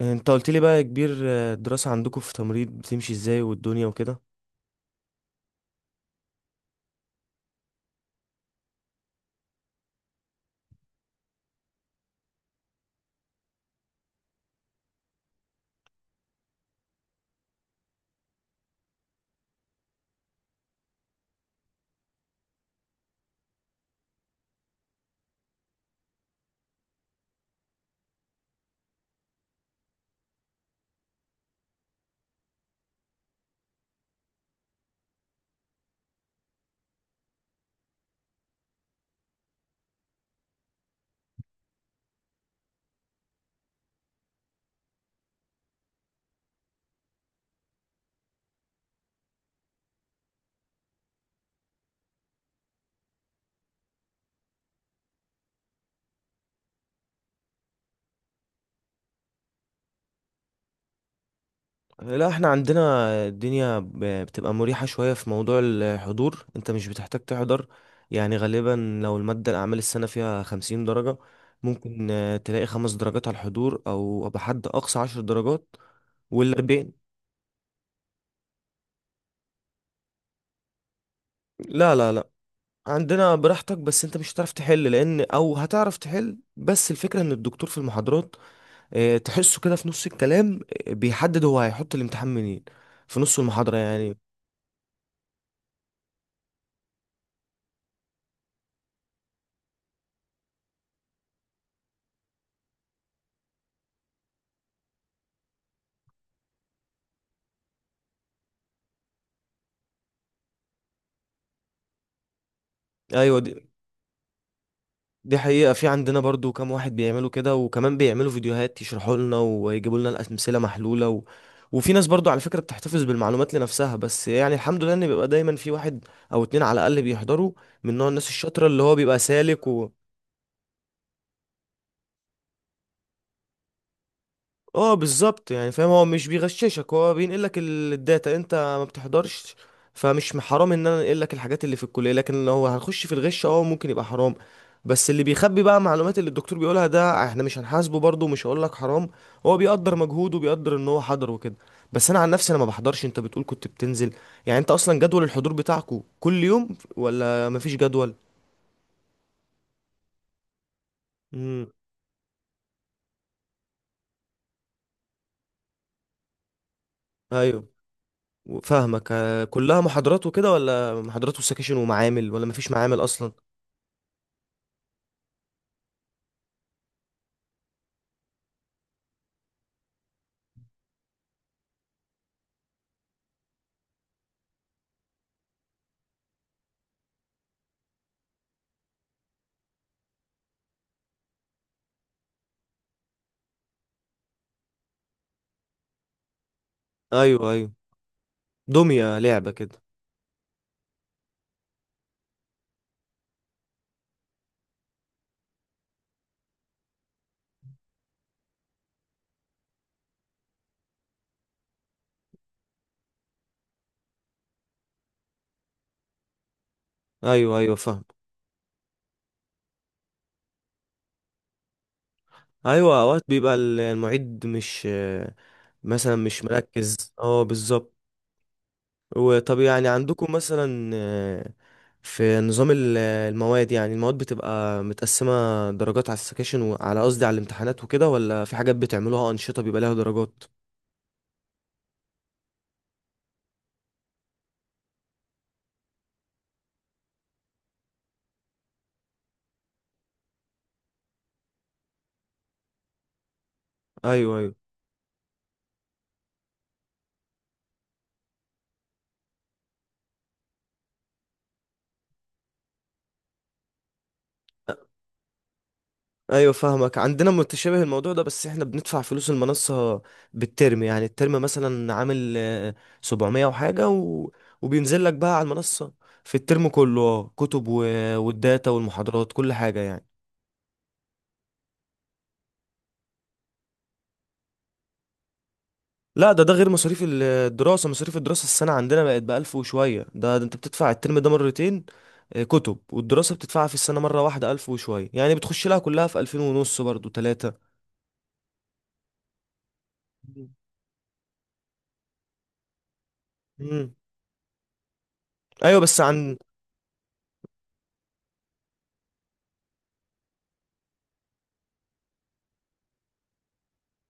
انت قلت لي بقى يا كبير، الدراسة عندكم في تمريض بتمشي ازاي والدنيا وكده؟ لا، احنا عندنا الدنيا بتبقى مريحة شوية في موضوع الحضور، انت مش بتحتاج تحضر. يعني غالبا لو المادة الأعمال السنة فيها خمسين درجة، ممكن تلاقي خمس درجات على الحضور أو بحد أقصى عشر درجات والأربعين. لا، لا، لا. عندنا براحتك، بس انت مش هتعرف تحل، لأن أو هتعرف تحل بس الفكرة ان الدكتور في المحاضرات، تحسه كده في نص الكلام، بيحدد هو هيحط الامتحان منين في نص المحاضرة يعني. ايوه. دي حقيقة، في عندنا برضو كام واحد بيعملوا كده، وكمان بيعملوا فيديوهات يشرحوا لنا ويجيبوا لنا الأمثلة محلولة، و... وفي ناس برضو على فكرة بتحتفظ بالمعلومات لنفسها. بس يعني الحمد لله ان بيبقى دايما في واحد او اتنين على الأقل بيحضروا، من نوع الناس الشاطرة اللي هو بيبقى سالك. اه، بالظبط. يعني فاهم، هو مش بيغششك، هو بينقل لك الداتا انت ما بتحضرش. فمش حرام ان انا انقل لك الحاجات اللي في الكليه، لكن لو هنخش في الغش اه ممكن يبقى حرام. بس اللي بيخبي بقى معلومات اللي الدكتور بيقولها ده، احنا مش هنحاسبه برضه، مش هقول لك حرام. هو بيقدر مجهوده وبيقدر ان هو حضر وكده. بس انا عن نفسي انا ما بحضرش. انت بتقول كنت بتنزل، يعني انت اصلا جدول الحضور بتاعكو كل يوم ولا مفيش جدول؟ امم. ايوه، فاهمك. كلها محاضرات وكده ولا محاضرات وسكاشن ومعامل، ولا مفيش معامل اصلا؟ ايوه، ايوه، دمية لعبة كده. ايوه، ايوه، فاهم. ايوه، اوقات بيبقى المعيد مش، مثلا مش مركز. اه، بالظبط. وطب يعني عندكم مثلا، في نظام المواد، يعني المواد بتبقى متقسمة درجات على السكاشن وعلى، قصدي على الامتحانات وكده، ولا في حاجات بتعملوها أنشطة بيبقى لها درجات؟ ايوه، ايوه، ايوه، فاهمك. عندنا متشابه الموضوع ده، بس احنا بندفع فلوس المنصة بالترم. يعني الترم مثلا عامل 700 وحاجة، و... وبينزل لك بقى على المنصة في الترم كله، كتب و... والداتا والمحاضرات كل حاجة يعني. لا، ده غير مصاريف الدراسة. مصاريف الدراسة السنة عندنا بقت بألف وشوية، ده انت بتدفع الترم ده مرتين. كتب، والدراسة بتدفعها في السنة مرة واحدة ألف وشوية، يعني بتخش لها كلها في ألفين ونص برضو تلاتة. مم. ايوه، بس عن،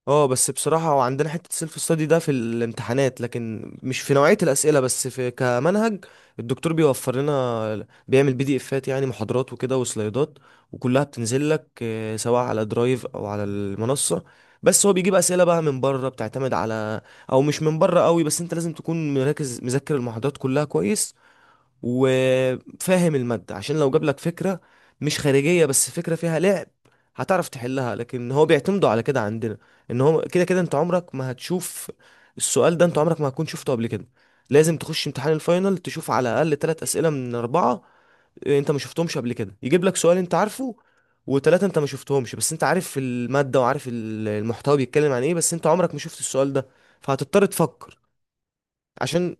اه بس بصراحة هو عندنا حتة سيلف ستادي ده في الامتحانات، لكن مش في نوعية الأسئلة بس في كمنهج. الدكتور بيوفر لنا، بيعمل PDFs، يعني محاضرات وكده وسلايدات، وكلها بتنزل لك سواء على درايف أو على المنصة. بس هو بيجيب أسئلة بقى من بره بتعتمد على، أو مش من بره قوي، بس أنت لازم تكون مركز مذاكر المحاضرات كلها كويس وفاهم المادة. عشان لو جاب لك فكرة مش خارجية بس فكرة فيها لعب، هتعرف تحلها، لكن هو بيعتمدوا على كده عندنا، ان هو كده كده انت عمرك ما هتشوف السؤال ده، انت عمرك ما هتكون شفته قبل كده. لازم تخش امتحان الفاينل تشوف على الاقل ثلاث اسئلة من اربعة انت ما شفتهمش قبل كده. يجيب لك سؤال انت عارفه، وثلاثة انت ما شفتهمش، بس انت عارف المادة وعارف المحتوى بيتكلم عن ايه، بس انت عمرك ما شفت السؤال ده، فهتضطر تفكر. عشان،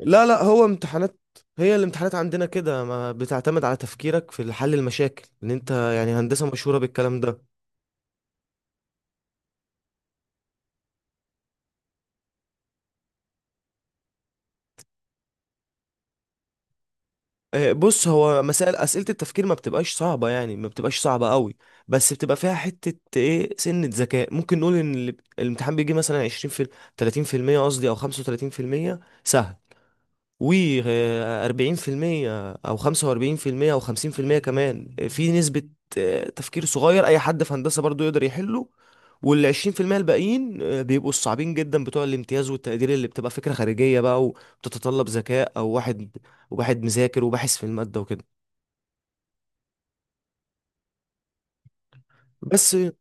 لا، لا، هو امتحانات. هي الامتحانات عندنا كده ما بتعتمد على تفكيرك في حل المشاكل، ان انت يعني هندسة مشهورة بالكلام ده. بص، هو مسائل أسئلة التفكير ما بتبقاش صعبة، يعني ما بتبقاش صعبة قوي. بس بتبقى فيها حتة ايه، سنة ذكاء. ممكن نقول ان الامتحان بيجي مثلا 20 في، 30% قصدي، او 35% سهل، و 40% او 45% او 50% كمان في نسبة تفكير صغير اي حد في هندسة برضو يقدر يحله. وال 20% الباقيين بيبقوا الصعبين جدا بتوع الامتياز والتقدير، اللي بتبقى فكرة خارجية بقى وبتتطلب ذكاء، او واحد وواحد مذاكر وباحث في المادة وكده. بس،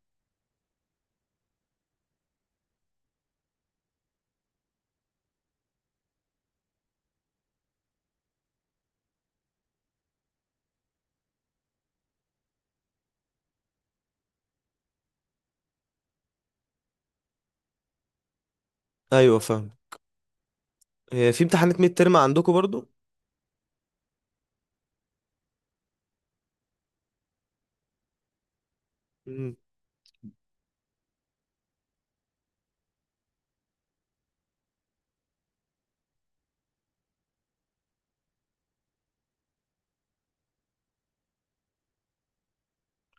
ايوه، فاهم. في امتحانات ميد ترم عندكم برضو؟ مم.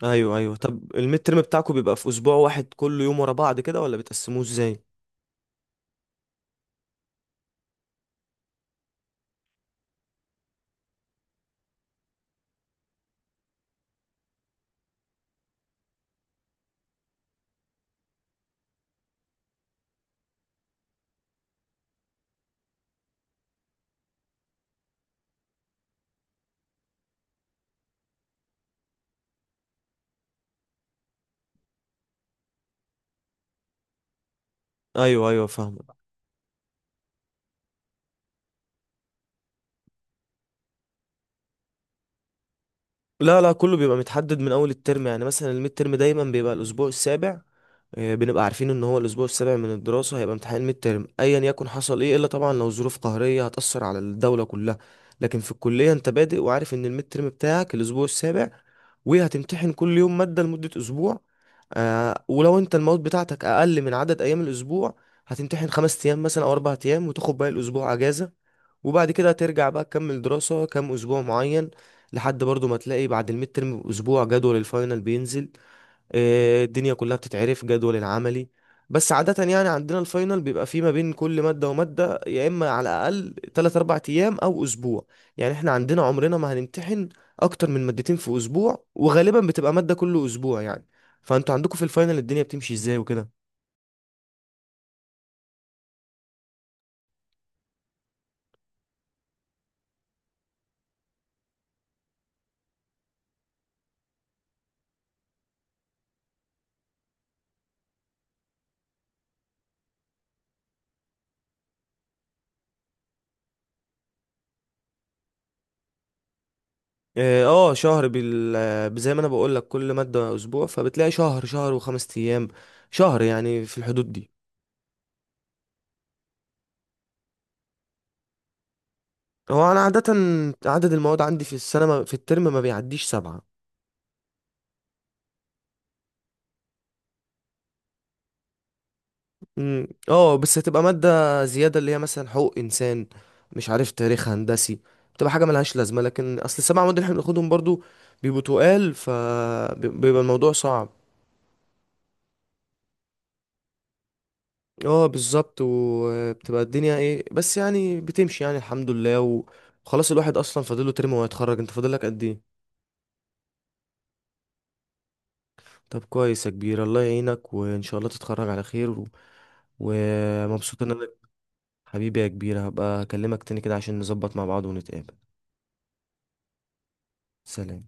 ايوه، ايوه، طب الميد ترم بتاعكم بيبقى في اسبوع واحد كل يوم ورا بعض كده ولا بتقسموه ازاي؟ ايوه، ايوه، فاهم. لا، لا، كله بيبقى متحدد من اول الترم. يعني مثلا الميد ترم دايما بيبقى الاسبوع السابع. بنبقى عارفين ان هو الاسبوع السابع من الدراسه هيبقى امتحان الميد ترم ايا يكن حصل ايه، الا طبعا لو ظروف قهريه هتاثر على الدوله كلها. لكن في الكليه انت بادئ وعارف ان الميد ترم بتاعك الاسبوع السابع، وهتمتحن كل يوم ماده لمده اسبوع. ولو انت المواد بتاعتك اقل من عدد ايام الاسبوع، هتمتحن خمس ايام مثلا او اربع ايام وتاخد باقي الاسبوع اجازه. وبعد كده ترجع بقى تكمل دراسة كام أسبوع معين، لحد برضو ما تلاقي بعد الميد ترم بأسبوع جدول الفاينل بينزل. الدنيا كلها بتتعرف جدول العملي. بس عادة يعني عندنا الفاينل بيبقى فيه ما بين كل مادة ومادة يا إما على الأقل 3 4 أيام أو أسبوع. يعني إحنا عندنا عمرنا ما هنمتحن أكتر من مادتين في أسبوع، وغالبا بتبقى مادة كل أسبوع يعني. فأنتوا عندكم في الفاينل الدنيا بتمشي إزاي وكده؟ اه، شهر، بال آه، زي ما انا بقول لك كل ماده اسبوع، فبتلاقي شهر، شهر وخمس ايام، شهر، يعني في الحدود دي. هو انا عاده، عدد المواد عندي في السنه، في الترم ما بيعديش سبعه. أمم، اه، بس هتبقى ماده زياده اللي هي مثلا حقوق انسان، مش عارف، تاريخ هندسي. بتبقى حاجه ملهاش لازمه، لكن اصل السبع مواد اللي احنا بناخدهم برضو بيبقوا تقال، فبيبقى الموضوع صعب. اه، بالظبط. وبتبقى الدنيا ايه بس، يعني بتمشي، يعني الحمد لله و- وخلاص. الواحد اصلا فاضله ترم وهيتخرج. انت فاضلك قد ايه؟ طب، كويس يا كبير. الله يعينك وان شاء الله تتخرج على خير، ومبسوط ان انا. حبيبي يا كبير، هبقى اكلمك تاني كده عشان نظبط مع بعض ونتقابل. سلام.